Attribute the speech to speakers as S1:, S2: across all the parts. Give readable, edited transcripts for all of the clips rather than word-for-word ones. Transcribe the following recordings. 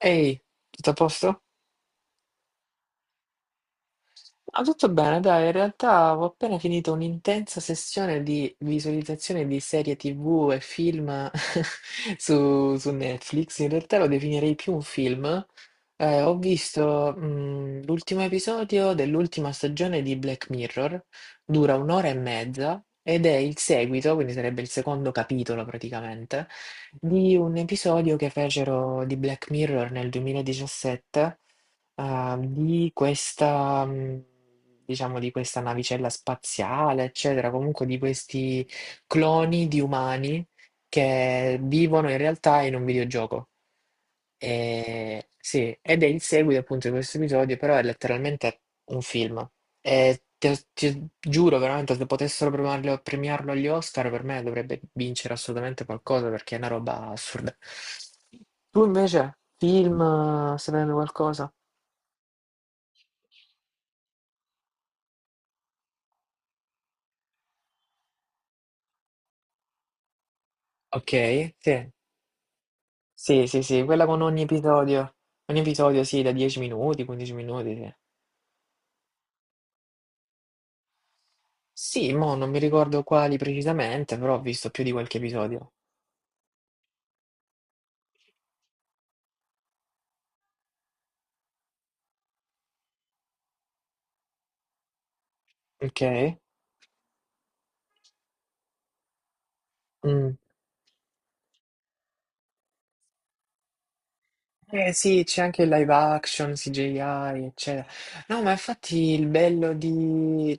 S1: Ehi, tutto a posto? Tutto bene, dai, in realtà ho appena finito un'intensa sessione di visualizzazione di serie TV e film su Netflix. In realtà lo definirei più un film. Ho visto, l'ultimo episodio dell'ultima stagione di Black Mirror, dura un'ora e mezza ed è il seguito, quindi sarebbe il secondo capitolo praticamente, di un episodio che fecero di Black Mirror nel 2017. Ah, di questa, mhmm, diciamo di questa navicella spaziale, eccetera, comunque di questi cloni di umani che vivono in realtà in un videogioco. Sì, ed è il seguito appunto di questo episodio, però è letteralmente un film. E te ti giuro veramente se potessero premiarlo agli Oscar per me dovrebbe vincere assolutamente qualcosa perché è una roba assurda. Tu invece, film, stai vedendo qualcosa? Okay, sì. Sì, sì, sì, quella con ogni episodio. Ogni episodio sì, da 10 minuti, 15 minuti, sì. Sì, mo' non mi ricordo quali precisamente, però ho visto più di qualche episodio. Okay. Mh. Eh sì, c'è anche il live action, CGI, eccetera. No, ma infatti il bello di...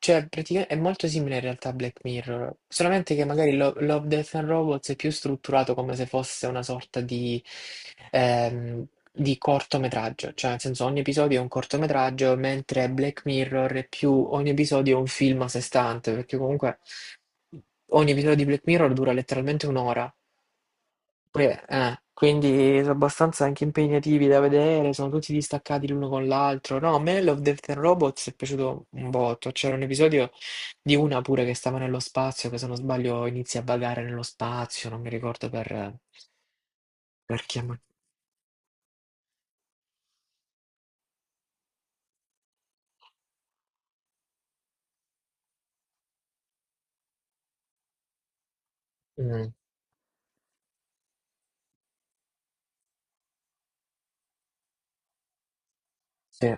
S1: Cioè, praticamente è molto simile in realtà a Black Mirror, solamente che magari Love, Death and Robots è più strutturato come se fosse una sorta ehm, di cortometraggio, cioè nel senso ogni episodio è un cortometraggio, mentre Black Mirror è più ogni episodio è un film a sé stante, perché comunque ogni episodio di Black Mirror dura letteralmente un'ora. Quindi sono abbastanza anche impegnativi da vedere, sono tutti distaccati l'uno con l'altro. No, a me Love, Death and Robots è piaciuto un botto. C'era un episodio di una pure che stava nello spazio, che se non sbaglio inizia a vagare nello spazio, non mi ricordo per chiamare. Mm, sì,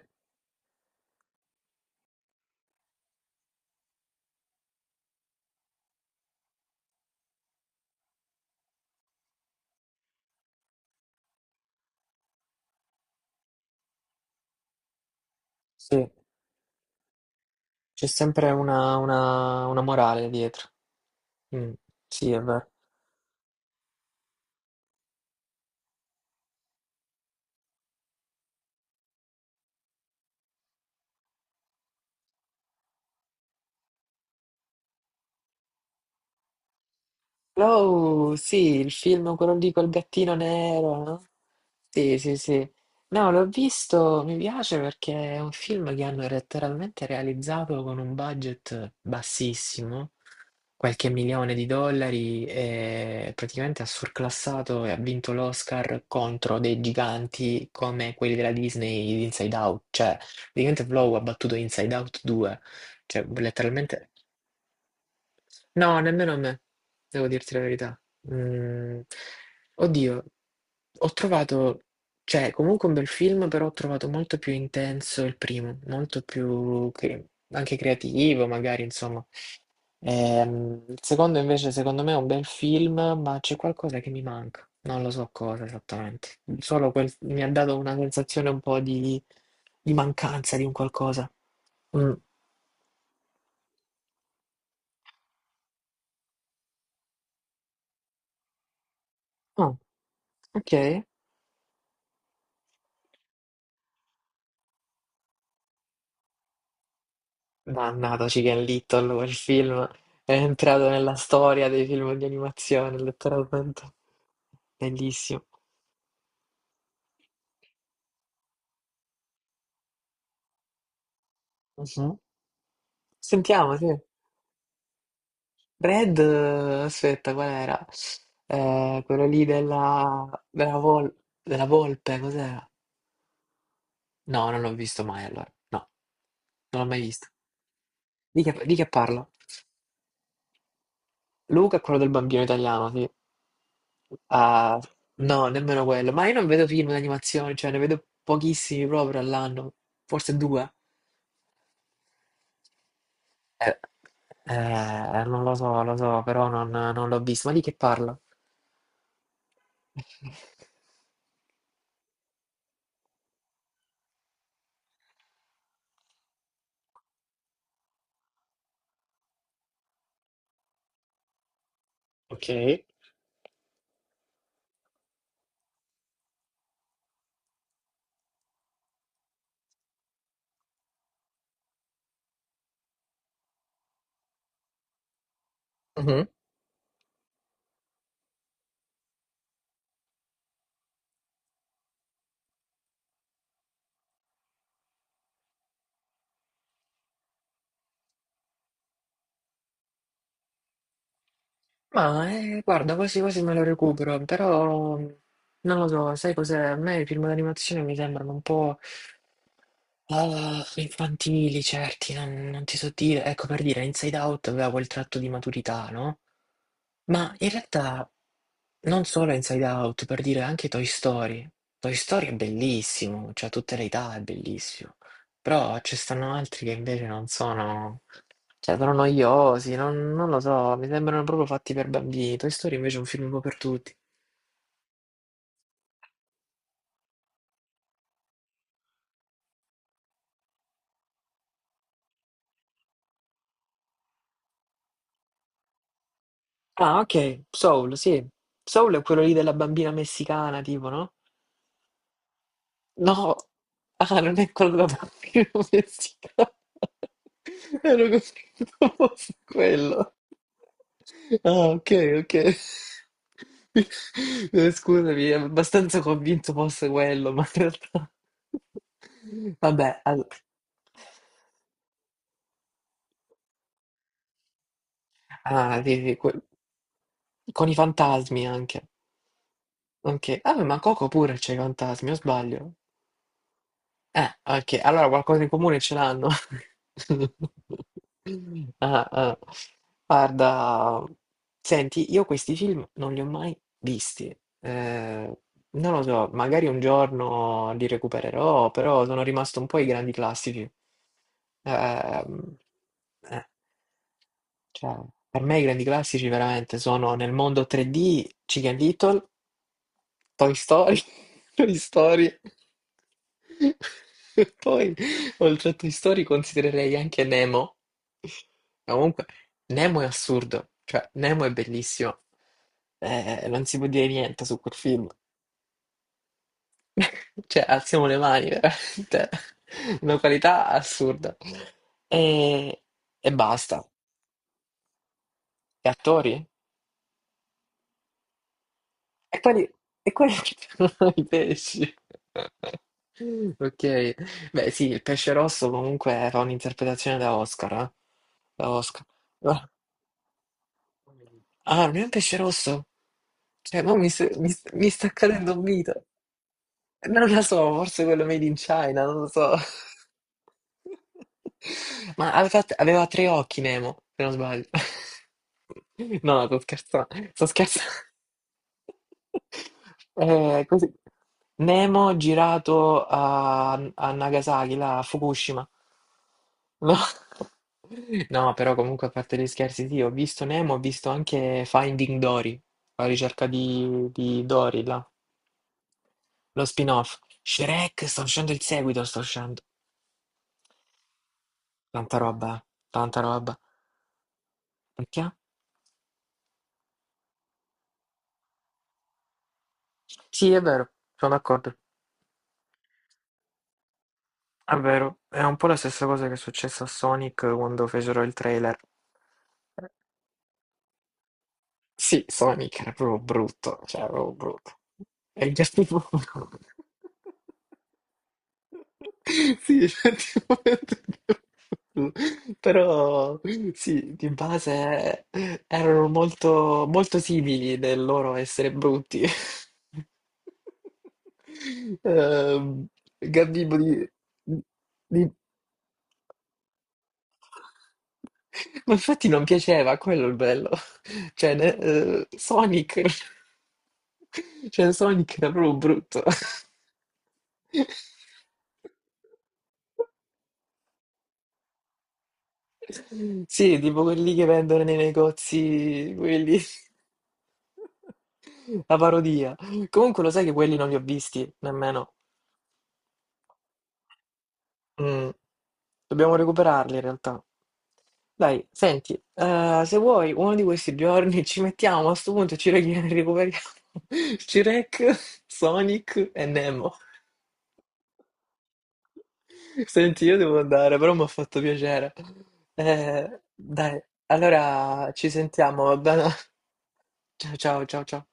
S1: sì, c'è sempre una, una morale dietro. Mm, sì, è vero. Oh, sì, il film, quello lì col gattino nero, no? Sì, sì, sì. No, l'ho visto, mi piace perché è un film che hanno letteralmente realizzato con un budget bassissimo, qualche milione di dollari, e praticamente ha surclassato e ha vinto l'Oscar contro dei giganti come quelli della Disney di Inside Out. Cioè, praticamente Flow ha battuto Inside Out 2. Cioè, letteralmente. No, nemmeno a me, devo dirti la verità. Mm, Oddio, ho trovato, cioè, comunque un bel film, però ho trovato molto più intenso il primo, molto più anche creativo, magari, insomma. Il secondo invece, secondo me, è un bel film, ma c'è qualcosa che mi manca. Non lo so cosa esattamente. Solo quel, mi ha dato una sensazione un po' di mancanza di un qualcosa. Mm. Ah, ok. Mannata Chicken Little, quel film è entrato nella storia dei film di animazione, letteralmente. Bellissimo. Mhm. Sentiamo, sì. Red, aspetta, qual era? Quello lì della, della volpe, cos'era? No, non l'ho visto mai allora. No, non l'ho mai visto. Di che parla? Luca è quello del bambino italiano, sì. Ah, no, nemmeno quello. Ma io non vedo film d'animazione, cioè ne vedo pochissimi proprio all'anno, forse due. Eh, Non lo so, lo so, però non, non l'ho visto. Ma di che parla? Ok. Mhm. Ma guarda, quasi quasi me lo recupero, però non lo so, sai cos'è? A me i film d'animazione mi sembrano un po'. Ah, infantili, certi, non, non ti so dire. Ecco, per dire, Inside Out aveva quel tratto di maturità, no? Ma in realtà non solo Inside Out, per dire anche Toy Story. Toy Story è bellissimo, cioè a tutte le età è bellissimo. Però ci stanno altri che invece non sono, cioè sono noiosi, non, non lo so, mi sembrano proprio fatti per bambini. Toy Story invece è un film un po' per tutti. Ah, ok, Soul, sì. Soul è quello lì della bambina messicana, tipo, no? No, ah, non è quello da bambino messicano. Ero convinto fosse quello. Ah, ok, ok. Scusami, ero abbastanza convinto fosse quello, ma in realtà... Vabbè, ah, di- que- con i fantasmi anche. Ok. Ah, ma Coco pure c'è i fantasmi, o sbaglio? Ok, allora qualcosa in comune ce l'hanno. Ah, ah. Guarda, senti, io questi film non li ho mai visti. Eh, Non lo so, magari un giorno li recupererò, però sono rimasto un po' ai grandi classici. Ehm, eh, cioè, per me i grandi classici veramente sono Nel mondo 3D, Chicken Little, Toy Story, Toy Story. E poi, oltre a Toy Story, considererei anche Nemo. Ma comunque, Nemo è assurdo, cioè Nemo è bellissimo. Non si può dire niente su quel film. Cioè, alziamo le mani, veramente. Una qualità assurda. E, e basta. E attori? E quali, e quali sono i pesci? Ok, beh sì, il pesce rosso comunque era un'interpretazione da Oscar, eh? Da Oscar. Ah, ah, non è un pesce rosso? Cioè, mo mi, s- mi s- mi sta cadendo un dito. Non lo so, forse quello made in China, non lo so. Ma aveva tre occhi Nemo, se non sbaglio. No, sto scherzando, sto scherzando. Così. Nemo girato a Nagasaki, là, a Fukushima. No. No, però comunque a parte gli scherzi, sì, ho visto Nemo, ho visto anche Finding Dory, la ricerca di Dory, là. Lo spin-off. Shrek, sta uscendo il seguito, sta uscendo. Tanta roba, tanta roba. Perché? Sì, è vero, sono d'accordo. È vero, è un po' la stessa cosa che è successa a Sonic quando fecero il trailer. Sì, Sonic era proprio brutto, cioè, proprio brutto. E gli altri proprio... Sì, effettivamente. Però sì, di base erano molto, molto simili nel loro essere brutti. Ehm, Gabibbo di- ma infatti non piaceva, quello è il bello. Sonic... Cioè, Sonic era proprio brutto. Sì, tipo quelli che vendono nei negozi, quelli, la parodia. Comunque lo sai che quelli non li ho visti nemmeno. Mm. Dobbiamo recuperarli in realtà. Dai, senti, se vuoi, uno di questi giorni ci mettiamo a sto punto e ci recuperiamo Shrek, Sonic e Nemo. Senti, io devo andare, però mi ha fatto piacere. Dai, allora ci sentiamo, va bene? Ciao, ciao, ciao, ciao.